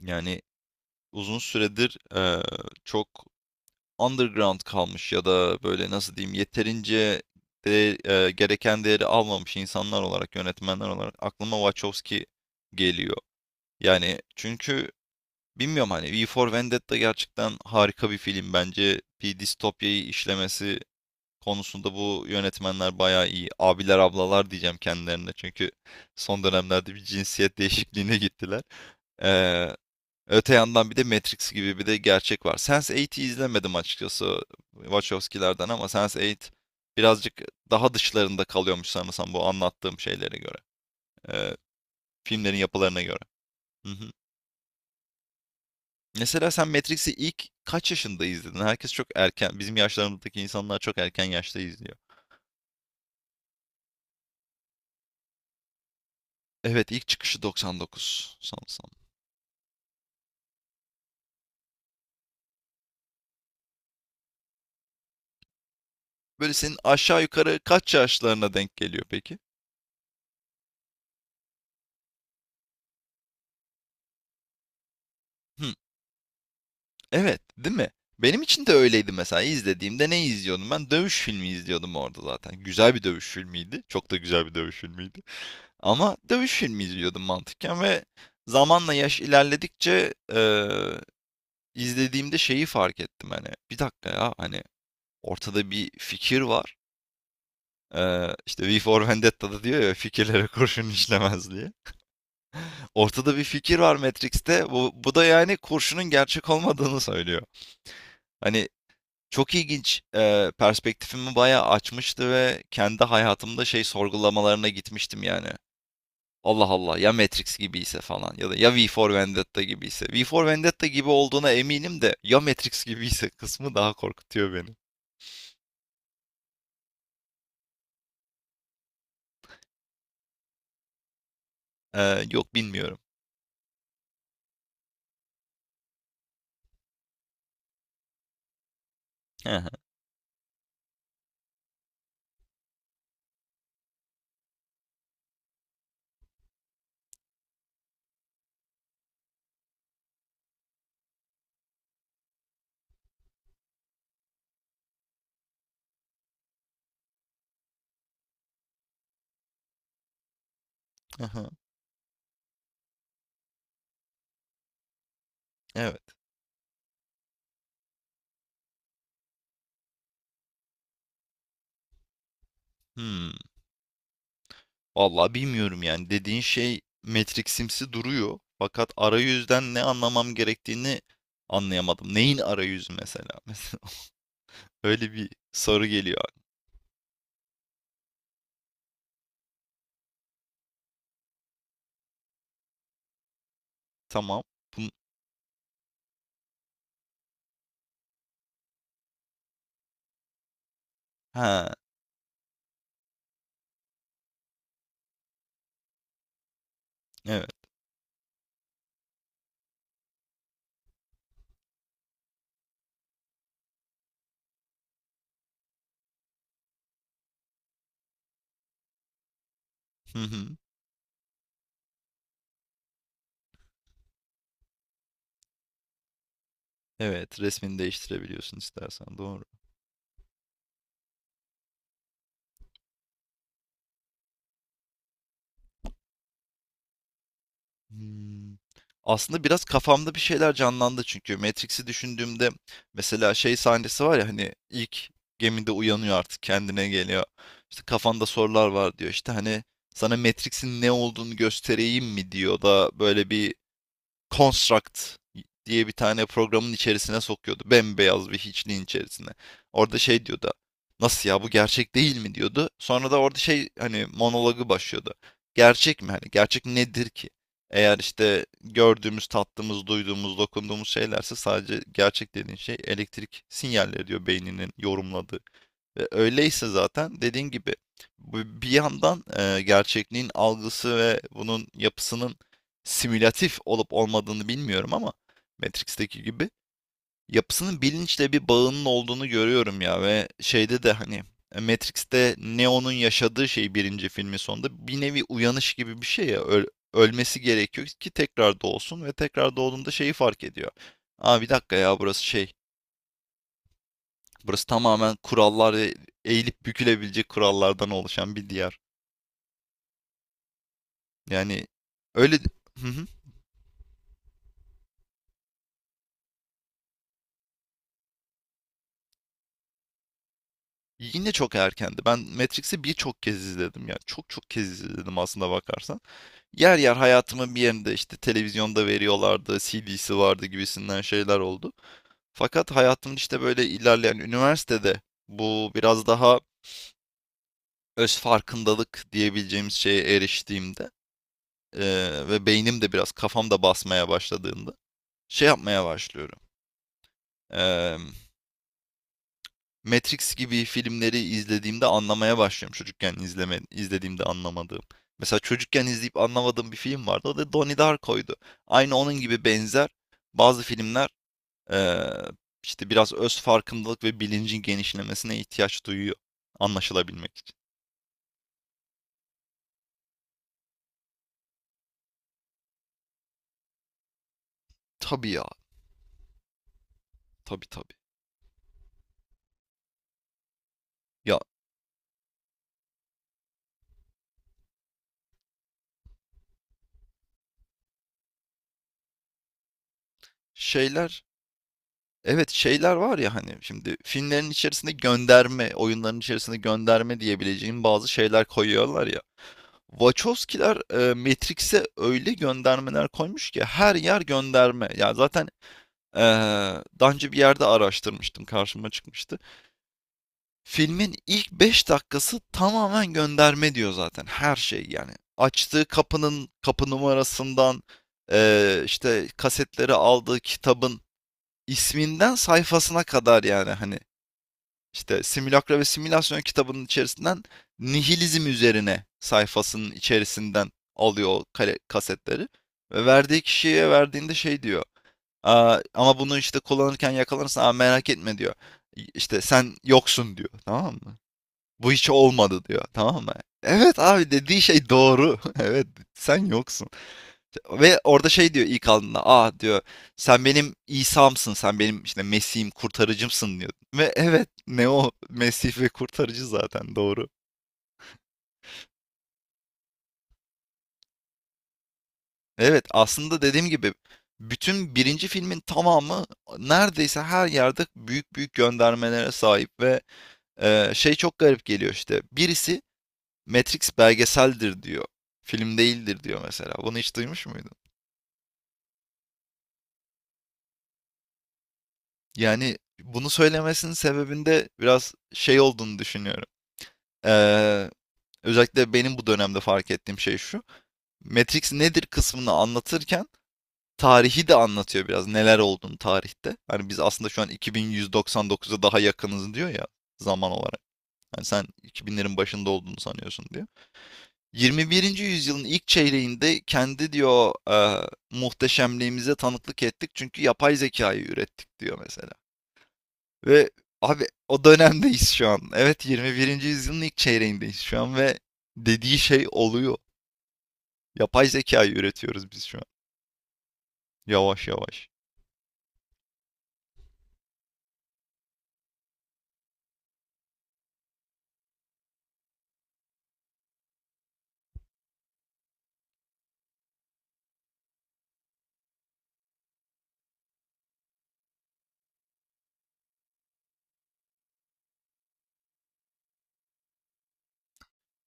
Yani uzun süredir çok underground kalmış ya da böyle nasıl diyeyim yeterince de, gereken değeri almamış insanlar olarak, yönetmenler olarak aklıma Wachowski geliyor. Yani çünkü bilmiyorum hani V for Vendetta gerçekten harika bir film. Bence bir distopyayı işlemesi konusunda bu yönetmenler bayağı iyi. Abiler ablalar diyeceğim kendilerine çünkü son dönemlerde bir cinsiyet değişikliğine gittiler. Eee, Öte yandan bir de Matrix gibi bir de gerçek var. Sense8'i izlemedim açıkçası Wachowski'lerden ama sense Eight birazcık daha dışlarında kalıyormuş sanırsam bu anlattığım şeylere göre. Ee, filmlerin yapılarına göre. Hı hı. Mesela sen Matrix'i ilk kaç yaşında izledin? Herkes çok erken, bizim yaşlarımızdaki insanlar çok erken yaşta izliyor. Evet, ilk çıkışı 99 sanırsam. Böyle senin aşağı yukarı kaç yaşlarına denk geliyor peki? Hı. Evet, değil mi? Benim için de öyleydi mesela. İzlediğimde ne izliyordum ben? Dövüş filmi izliyordum orada zaten. Güzel bir dövüş filmiydi. Çok da güzel bir dövüş filmiydi. Ama dövüş filmi izliyordum mantıken ve zamanla yaş ilerledikçe izlediğimde şeyi fark ettim hani. Bir dakika ya hani ortada bir fikir var. İşte V for Vendetta'da diyor ya fikirlere kurşun işlemez diye. Ortada bir fikir var Matrix'te. Bu da yani kurşunun gerçek olmadığını söylüyor. Hani çok ilginç, perspektifimi bayağı açmıştı ve kendi hayatımda şey sorgulamalarına gitmiştim yani. Allah Allah ya Matrix gibiyse falan ya da ya V for Vendetta gibiyse. V for Vendetta gibi olduğuna eminim de ya Matrix gibiyse kısmı daha korkutuyor beni. Yok bilmiyorum. Hı hı, hı hı. Evet. Hımm. Vallahi bilmiyorum yani dediğin şey Matrix'imsi duruyor fakat arayüzden ne anlamam gerektiğini anlayamadım. Neyin arayüzü mesela? Mesela öyle bir soru geliyor. Tamam. Bun He, evet. Hı hı. Evet, resmini değiştirebiliyorsun istersen, doğru. Hımm. Aslında biraz kafamda bir şeyler canlandı çünkü Matrix'i düşündüğümde mesela şey sahnesi var ya, hani, ilk gemide uyanıyor artık kendine geliyor. İşte, "Kafanda sorular var." diyor. İşte, hani, "Sana Matrix'in ne olduğunu göstereyim mi?" diyor da böyle bir Construct diye bir tane programın içerisine sokuyordu. Bembeyaz bir hiçliğin içerisine. Orada şey diyordu. Nasıl ya, bu gerçek değil mi diyordu. Sonra da orada şey hani monologu başlıyordu. Gerçek mi? Hani gerçek nedir ki? Eğer işte gördüğümüz, tattığımız, duyduğumuz, dokunduğumuz şeylerse, sadece gerçek dediğin şey elektrik sinyalleri diyor beyninin yorumladığı. Öyleyse zaten dediğin gibi bir yandan gerçekliğin algısı ve bunun yapısının simülatif olup olmadığını bilmiyorum ama Matrix'teki gibi yapısının bilinçle bir bağının olduğunu görüyorum ya, ve şeyde de hani Matrix'te Neo'nun yaşadığı şey birinci filmin sonunda bir nevi uyanış gibi bir şey ya, ölmesi gerekiyor ki tekrar doğsun ve tekrar doğduğunda şeyi fark ediyor. Aa bir dakika ya, burası şey. Burası tamamen kurallar ve eğilip bükülebilecek kurallardan oluşan bir diyar. Yani öyle. Hı hı. Yine çok erkendi. Ben Matrix'i birçok kez izledim ya. Çok çok kez izledim aslında bakarsan. Yer yer hayatımın bir yerinde işte televizyonda veriyorlardı, CD'si vardı gibisinden şeyler oldu. Fakat hayatımın işte böyle ilerleyen üniversitede bu biraz daha öz farkındalık diyebileceğimiz şeye eriştiğimde, ve beynim de biraz kafam da basmaya başladığında şey yapmaya başlıyorum. eee, Matrix gibi filmleri izlediğimde anlamaya başlıyorum. Çocukken izleme, izlediğimde anlamadığım. Mesela çocukken izleyip anlamadığım bir film vardı. O da Donnie Darko'ydu. Aynı onun gibi benzer bazı filmler eee, işte biraz öz farkındalık ve bilincin genişlemesine ihtiyaç duyuyor anlaşılabilmek için. Tabii ya, tabii tabii. Ya şeyler, evet şeyler var ya hani şimdi filmlerin içerisinde gönderme, oyunların içerisinde gönderme diyebileceğim bazı şeyler koyuyorlar ya. Wachowskiler Matrix'e öyle göndermeler koymuş ki her yer gönderme. Yani zaten e, daha önce bir yerde araştırmıştım, karşıma çıkmıştı. Filmin ilk 5 dakikası tamamen gönderme diyor zaten, her şey yani. Açtığı kapının kapı numarasından işte kasetleri aldığı kitabın isminden sayfasına kadar yani hani işte Simülakra ve Simülasyon kitabının içerisinden nihilizm üzerine sayfasının içerisinden alıyor o kasetleri. Ve verdiği kişiye verdiğinde şey diyor. "Aa, ama bunu işte kullanırken yakalanırsan, aa, merak etme" diyor. İşte sen yoksun diyor. Tamam mı? Bu hiç olmadı diyor. Tamam mı? Evet abi, dediği şey doğru. Evet, sen yoksun. Ve orada şey diyor ilk aldığında. Ah diyor, sen benim İsa'msın. Sen benim işte Mesih'im, kurtarıcımsın diyor. Ve evet, ne o Mesih ve kurtarıcı zaten doğru. Evet aslında dediğim gibi bütün birinci filmin tamamı neredeyse her yerde büyük büyük göndermelere sahip ve şey çok garip geliyor işte. Birisi Matrix belgeseldir diyor. Film değildir diyor mesela. Bunu hiç duymuş muydun? Yani bunu söylemesinin sebebinde biraz şey olduğunu düşünüyorum. Ee, özellikle benim bu dönemde fark ettiğim şey şu. Matrix nedir kısmını anlatırken tarihi de anlatıyor biraz. Neler olduğunu tarihte. Hani biz aslında şu an 2199'a daha yakınız diyor ya, zaman olarak. Yani sen 2000'lerin başında olduğunu sanıyorsun diyor. 21. yüzyılın ilk çeyreğinde kendi diyor muhteşemliğimize tanıklık ettik çünkü yapay zekayı ürettik diyor mesela. Ve abi o dönemdeyiz şu an. Evet, 21. yüzyılın ilk çeyreğindeyiz şu an ve dediği şey oluyor. Yapay zekayı üretiyoruz biz şu an. Yavaş yavaş.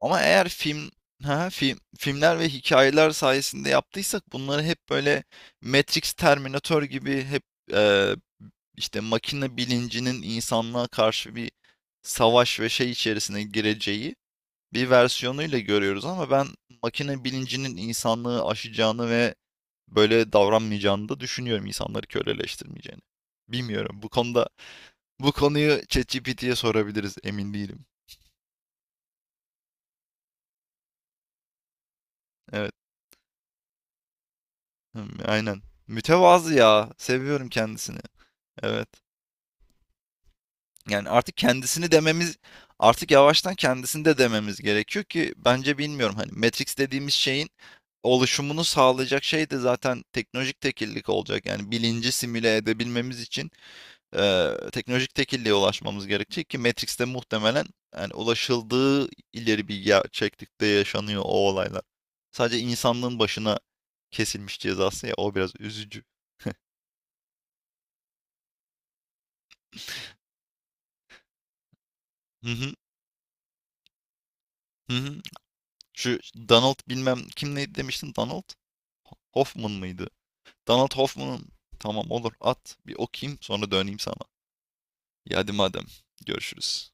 Ama eğer filmler ve hikayeler sayesinde yaptıysak bunları hep böyle Matrix, Terminator gibi hep e, işte makine bilincinin insanlığa karşı bir savaş ve şey içerisine gireceği bir versiyonuyla görüyoruz, ama ben makine bilincinin insanlığı aşacağını ve böyle davranmayacağını da düşünüyorum, insanları köleleştirmeyeceğini. Bilmiyorum. Bu konuyu ChatGPT'ye sorabiliriz. Emin değilim. Evet. Hı, aynen. Mütevazı ya. Seviyorum kendisini. Evet. Yani artık yavaştan kendisini de dememiz gerekiyor ki, bence bilmiyorum hani Matrix dediğimiz şeyin oluşumunu sağlayacak şey de zaten teknolojik tekillik olacak. Yani bilinci simüle edebilmemiz için teknolojik tekilliğe ulaşmamız gerekecek ki Matrix'te muhtemelen, yani ulaşıldığı ileri bir gerçeklikte yaşanıyor o olaylar. Sadece insanlığın başına kesilmiş cezası ya, o biraz üzücü. Hı hı, hı hı. Şu Donald bilmem kim neydi demiştin, Donald Hoffman mıydı? Donald Hoffman'ın, tamam olur, at bir okuyayım sonra döneyim sana. Ya hadi madem, görüşürüz.